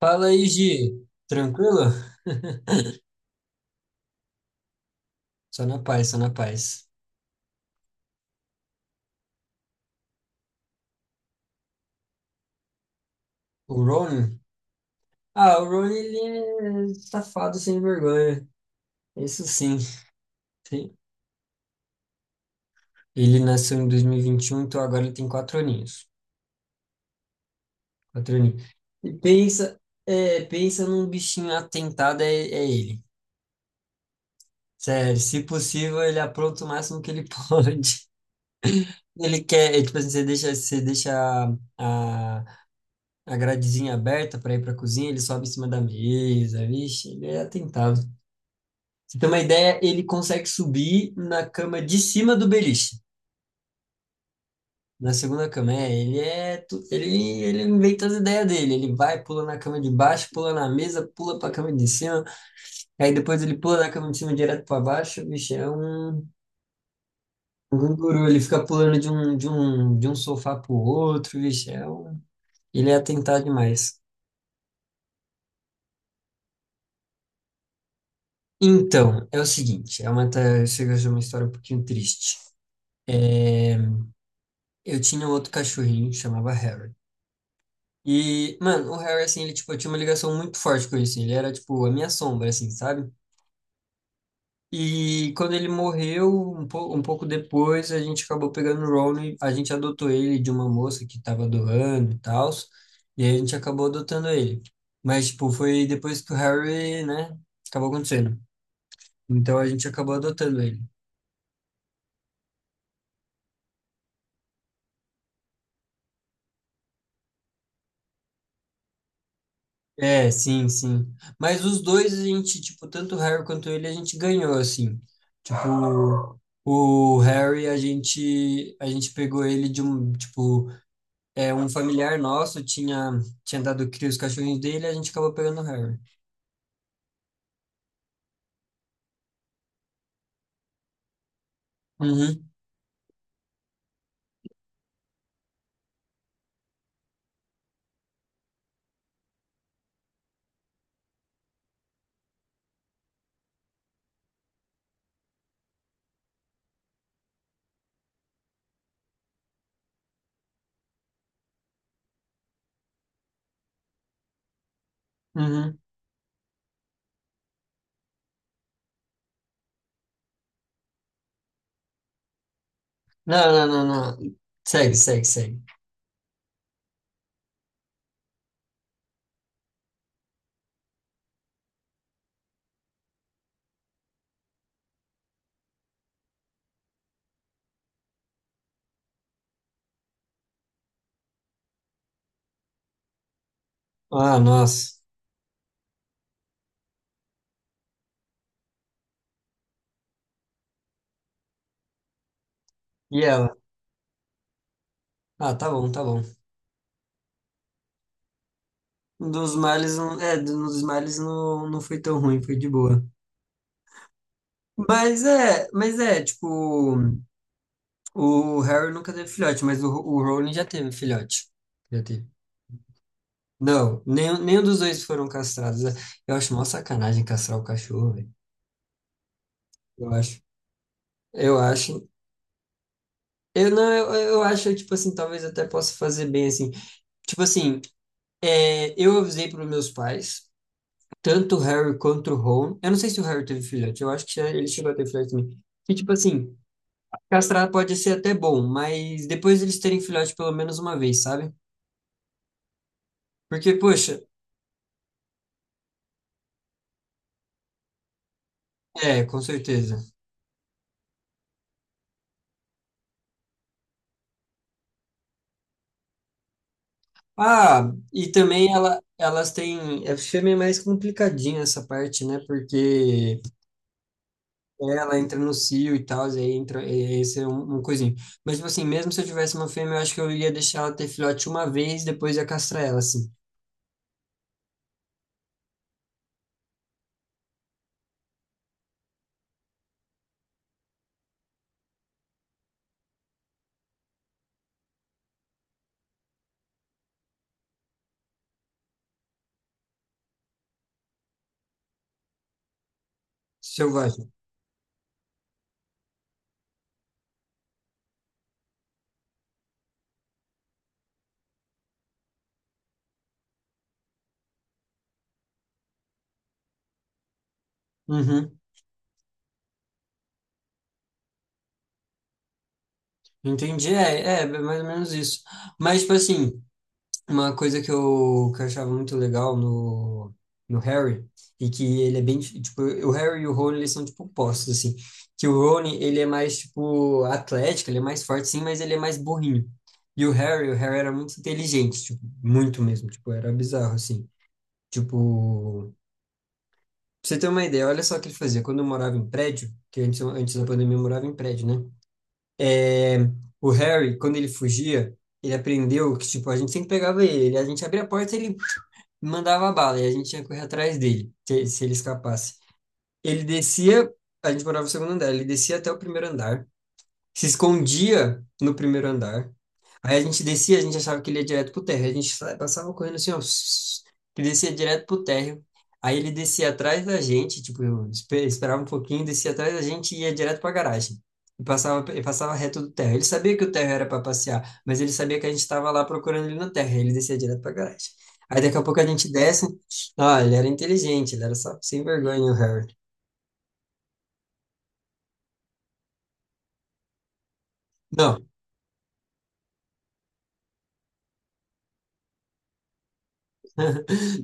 Fala aí, Gi. Tranquilo? Só na paz, só na paz. O Ron Ah, o Ron ele é safado sem vergonha. Isso sim. Sim. Ele nasceu em dois mil e vinte e um, então agora ele tem 4 aninhos. 4 aninhos. E pensa, pensa num bichinho atentado, é ele. Sério, se possível, ele apronta o máximo que ele pode. Ele quer, tipo assim, você deixa a, a gradezinha aberta para ir para a cozinha, ele sobe em cima da mesa. Vixe, ele é atentado. Pra Você tem uma ideia, ele consegue subir na cama de cima do beliche. Na segunda cama, ele inventa as ideias dele, ele vai, pula na cama de baixo, pula na mesa, pula para a cama de cima, aí depois ele pula da cama de cima direto para baixo. Vixe, é um guru, ele fica pulando de um sofá pro outro. Vixe, ele é atentado demais. Então, é o seguinte, chega a ser uma história um pouquinho triste. É, eu tinha um outro cachorrinho, chamava Harry. E, mano, o Harry, assim, tipo, eu tinha uma ligação muito forte com isso. Ele era, tipo, a minha sombra, assim, sabe? E quando ele morreu, um pouco depois, a gente acabou pegando o Ron e a gente adotou ele de uma moça que tava doando e tal. E aí a gente acabou adotando ele. Mas, tipo, foi depois que o Harry, né, acabou acontecendo. Então a gente acabou adotando ele. É, sim, sim. Mas os dois, a gente, tipo, tanto o Harry quanto ele, a gente ganhou, assim. Tipo, o Harry, a gente pegou ele de um, tipo, um familiar nosso tinha, tinha dado cria os cachorrinhos dele, a gente acabou pegando o Harry. Uhum, uhum. Não, não, não, não. Segue, segue, segue. Ah, nossa. E ela? Ah, tá bom, tá bom. Um Dos males, não- é, Um dos males não foi tão ruim, foi de boa. Mas é, tipo. O Harry nunca teve filhote, mas o Rowling já teve filhote. Já teve. Não, nenhum dos dois foram castrados. Eu acho mó sacanagem castrar o cachorro, velho. Eu acho. Eu acho. Eu não, eu acho, tipo assim, talvez até possa fazer bem assim. Tipo assim, eu avisei para os meus pais, tanto o Harry quanto o Ron. Eu não sei se o Harry teve filhote, eu acho que ele chegou a ter filhote também. Que, tipo assim, castrar pode ser até bom, mas depois eles terem filhote pelo menos uma vez, sabe? Porque, poxa, é, com certeza. Ah, e também elas têm. Fêmea é mais complicadinha essa parte, né? Porque ela entra no cio e tal, e aí entra. Esse é um coisinho. Mas, tipo assim, mesmo se eu tivesse uma fêmea, eu acho que eu ia deixar ela ter filhote uma vez, depois ia castrar ela, assim. Selvagem. Uhum. Entendi. É mais ou menos isso. Mas, tipo assim. Uma coisa que eu achava muito legal no Harry, e que ele é bem, tipo, o Harry e o Rony, eles são, tipo, opostos, assim, que o Rony, ele é mais, tipo, atlético, ele é mais forte, sim, mas ele é mais burrinho. E o Harry era muito inteligente, tipo, muito mesmo, tipo, era bizarro, assim. Tipo, pra você ter uma ideia, olha só o que ele fazia. Quando eu morava em prédio, que antes da pandemia eu morava em prédio, né? É, o Harry, quando ele fugia, ele aprendeu que, tipo, a gente sempre pegava ele, a gente abria a porta, e ele mandava bala e a gente tinha que correr atrás dele, se ele escapasse. Ele descia, a gente morava no segundo andar, ele descia até o primeiro andar, se escondia no primeiro andar. Aí a gente descia, a gente achava que ele ia direto pro térreo. A gente passava correndo assim, ó, que descia direto pro térreo. Aí ele descia atrás da gente, tipo, eu esperava um pouquinho, descia atrás da gente e ia direto pra garagem. E E passava reto do térreo. Ele sabia que o térreo era para passear, mas ele sabia que a gente estava lá procurando ele no térreo. Ele descia direto pra garagem. Aí daqui a pouco a gente desce. Ah, ele era inteligente, ele era só sem vergonha, o Harry. Não,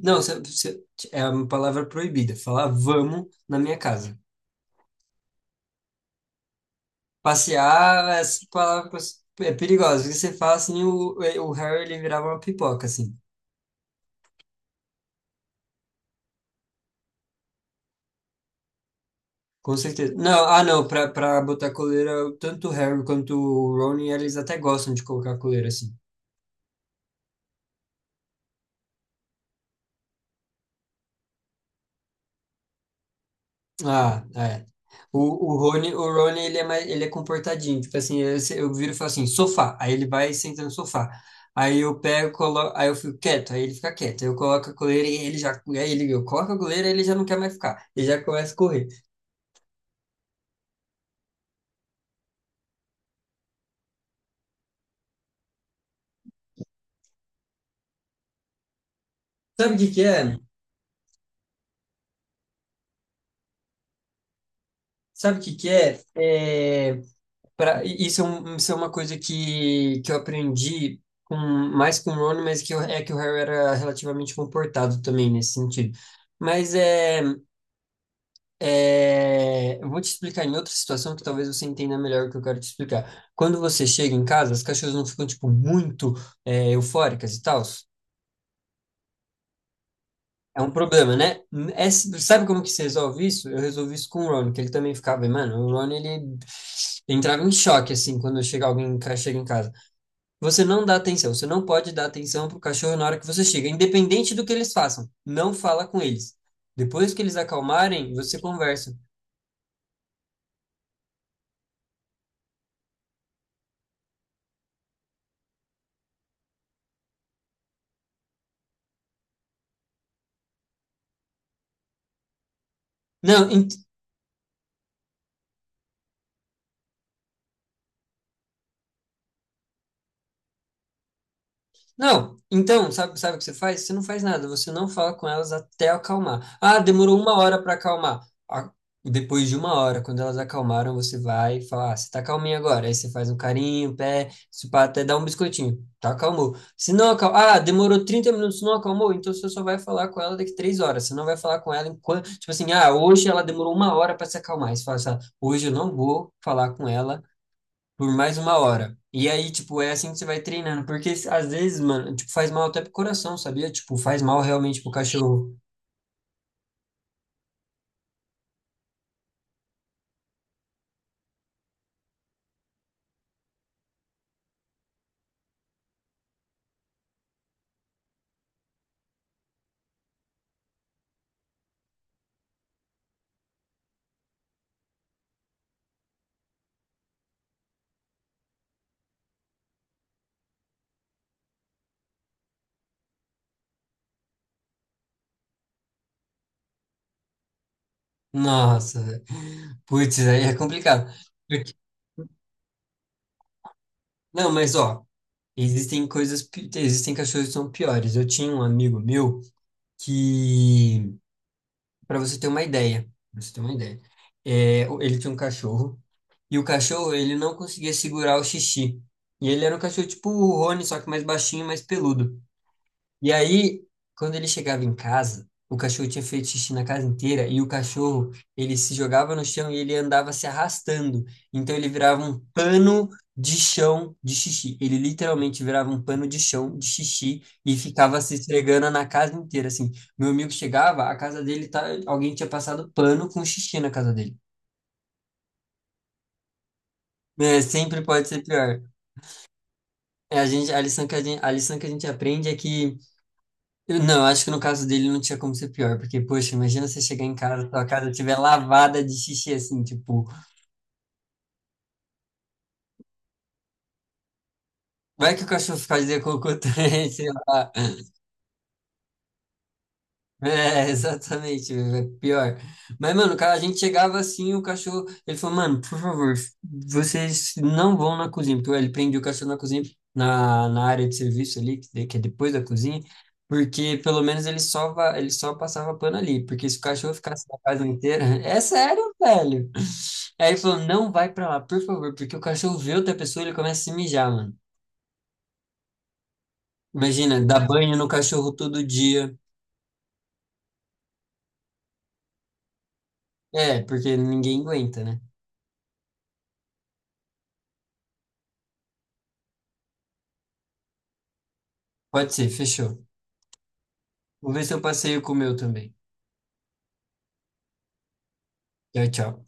não, é uma palavra proibida. Falar vamos na minha casa. Passear, essa palavra é perigosa. Porque Você fala assim, o Harry ele virava uma pipoca, assim. Com certeza. Não, ah, não, pra botar coleira, tanto o Harry quanto o Rony, eles até gostam de colocar coleira, assim. Ah, é. O, o Rony, ele é mais, ele é comportadinho. Tipo assim, eu, se- eu viro e falo assim, sofá. Aí ele vai e senta no sofá. Aí eu pego, coloco, aí eu fico quieto, aí ele fica quieto. Aí eu coloco a coleira e ele já, aí ele, eu coloco a coleira e ele já não quer mais ficar. Ele já começa a correr. Sabe o que que é? Sabe o que que é? É, pra, isso, é um- Isso é uma coisa que eu aprendi com, mais com o Rony, é que o Harry era relativamente comportado também nesse sentido. Mas é, eu vou te explicar em outra situação que talvez você entenda melhor o que eu quero te explicar. Quando você chega em casa, as cachorras não ficam, tipo, muito, eufóricas e tal? É um problema, né? Sabe como que se resolve isso? Eu resolvi isso com o Ron, que ele também ficava, mano, o Ron, ele entrava em choque, assim, quando chega alguém, chega em casa. Você não dá atenção, você não pode dar atenção pro cachorro na hora que você chega, independente do que eles façam. Não fala com eles. Depois que eles acalmarem, você conversa. Não, não, então, sabe o que você faz? Você não faz nada, você não fala com elas até acalmar. Ah, demorou uma hora para acalmar. Ah, depois de uma hora, quando elas acalmaram, você vai e fala, ah, você tá calminha agora. Aí você faz um carinho, um pé, se pá, até dar um biscoitinho. Tá, acalmou. Se não acalmou, ah, demorou 30 minutos, não acalmou, então você só vai falar com ela daqui 3 horas. Você não vai falar com ela enquanto, tipo assim, ah, hoje ela demorou uma hora para se acalmar. Aí você fala assim, ah, hoje eu não vou falar com ela por mais uma hora. E aí, tipo, é assim que você vai treinando. Porque às vezes, mano, tipo, faz mal até pro coração, sabia? Tipo, faz mal realmente pro cachorro. Nossa, velho. Putz, aí é complicado. Porque- Não, mas ó, existem coisas, existem cachorros que são piores. Eu tinha um amigo meu que, pra você ter uma ideia, pra você ter uma ideia, ele tinha um cachorro e o cachorro, ele não conseguia segurar o xixi. E ele era um cachorro tipo o Rony, só que mais baixinho, mais peludo. E aí, quando ele chegava em casa, o cachorro tinha feito xixi na casa inteira e o cachorro, ele se jogava no chão e ele andava se arrastando. Então ele virava um pano de chão de xixi. Ele literalmente virava um pano de chão de xixi e ficava se esfregando na casa inteira, assim. Meu amigo chegava, a casa dele tá, alguém tinha passado pano com xixi na casa dele. É, sempre pode ser pior. É, a gente, a lição que a gente, a lição que a gente aprende é que Eu- Não, acho que no caso dele não tinha como ser pior, porque, poxa, imagina você chegar em casa, sua casa estiver lavada de xixi, assim, tipo, vai que o cachorro fica de cocô também, sei lá. É, exatamente, é pior. Mas, mano, cara, a gente chegava assim, o cachorro, ele falou, mano, por favor, vocês não vão na cozinha, porque ele prende o cachorro na cozinha, na área de serviço ali, que é depois da cozinha, porque pelo menos ele só passava pano ali, porque se o cachorro ficasse na casa inteira, é sério, velho. Aí ele falou, não vai pra lá, por favor, porque o cachorro vê outra pessoa, ele começa a se mijar, mano. Imagina, dar banho no cachorro todo dia. É, porque ninguém aguenta, né? Pode ser, fechou. Vou ver se eu passeio com o meu também. Tchau, tchau.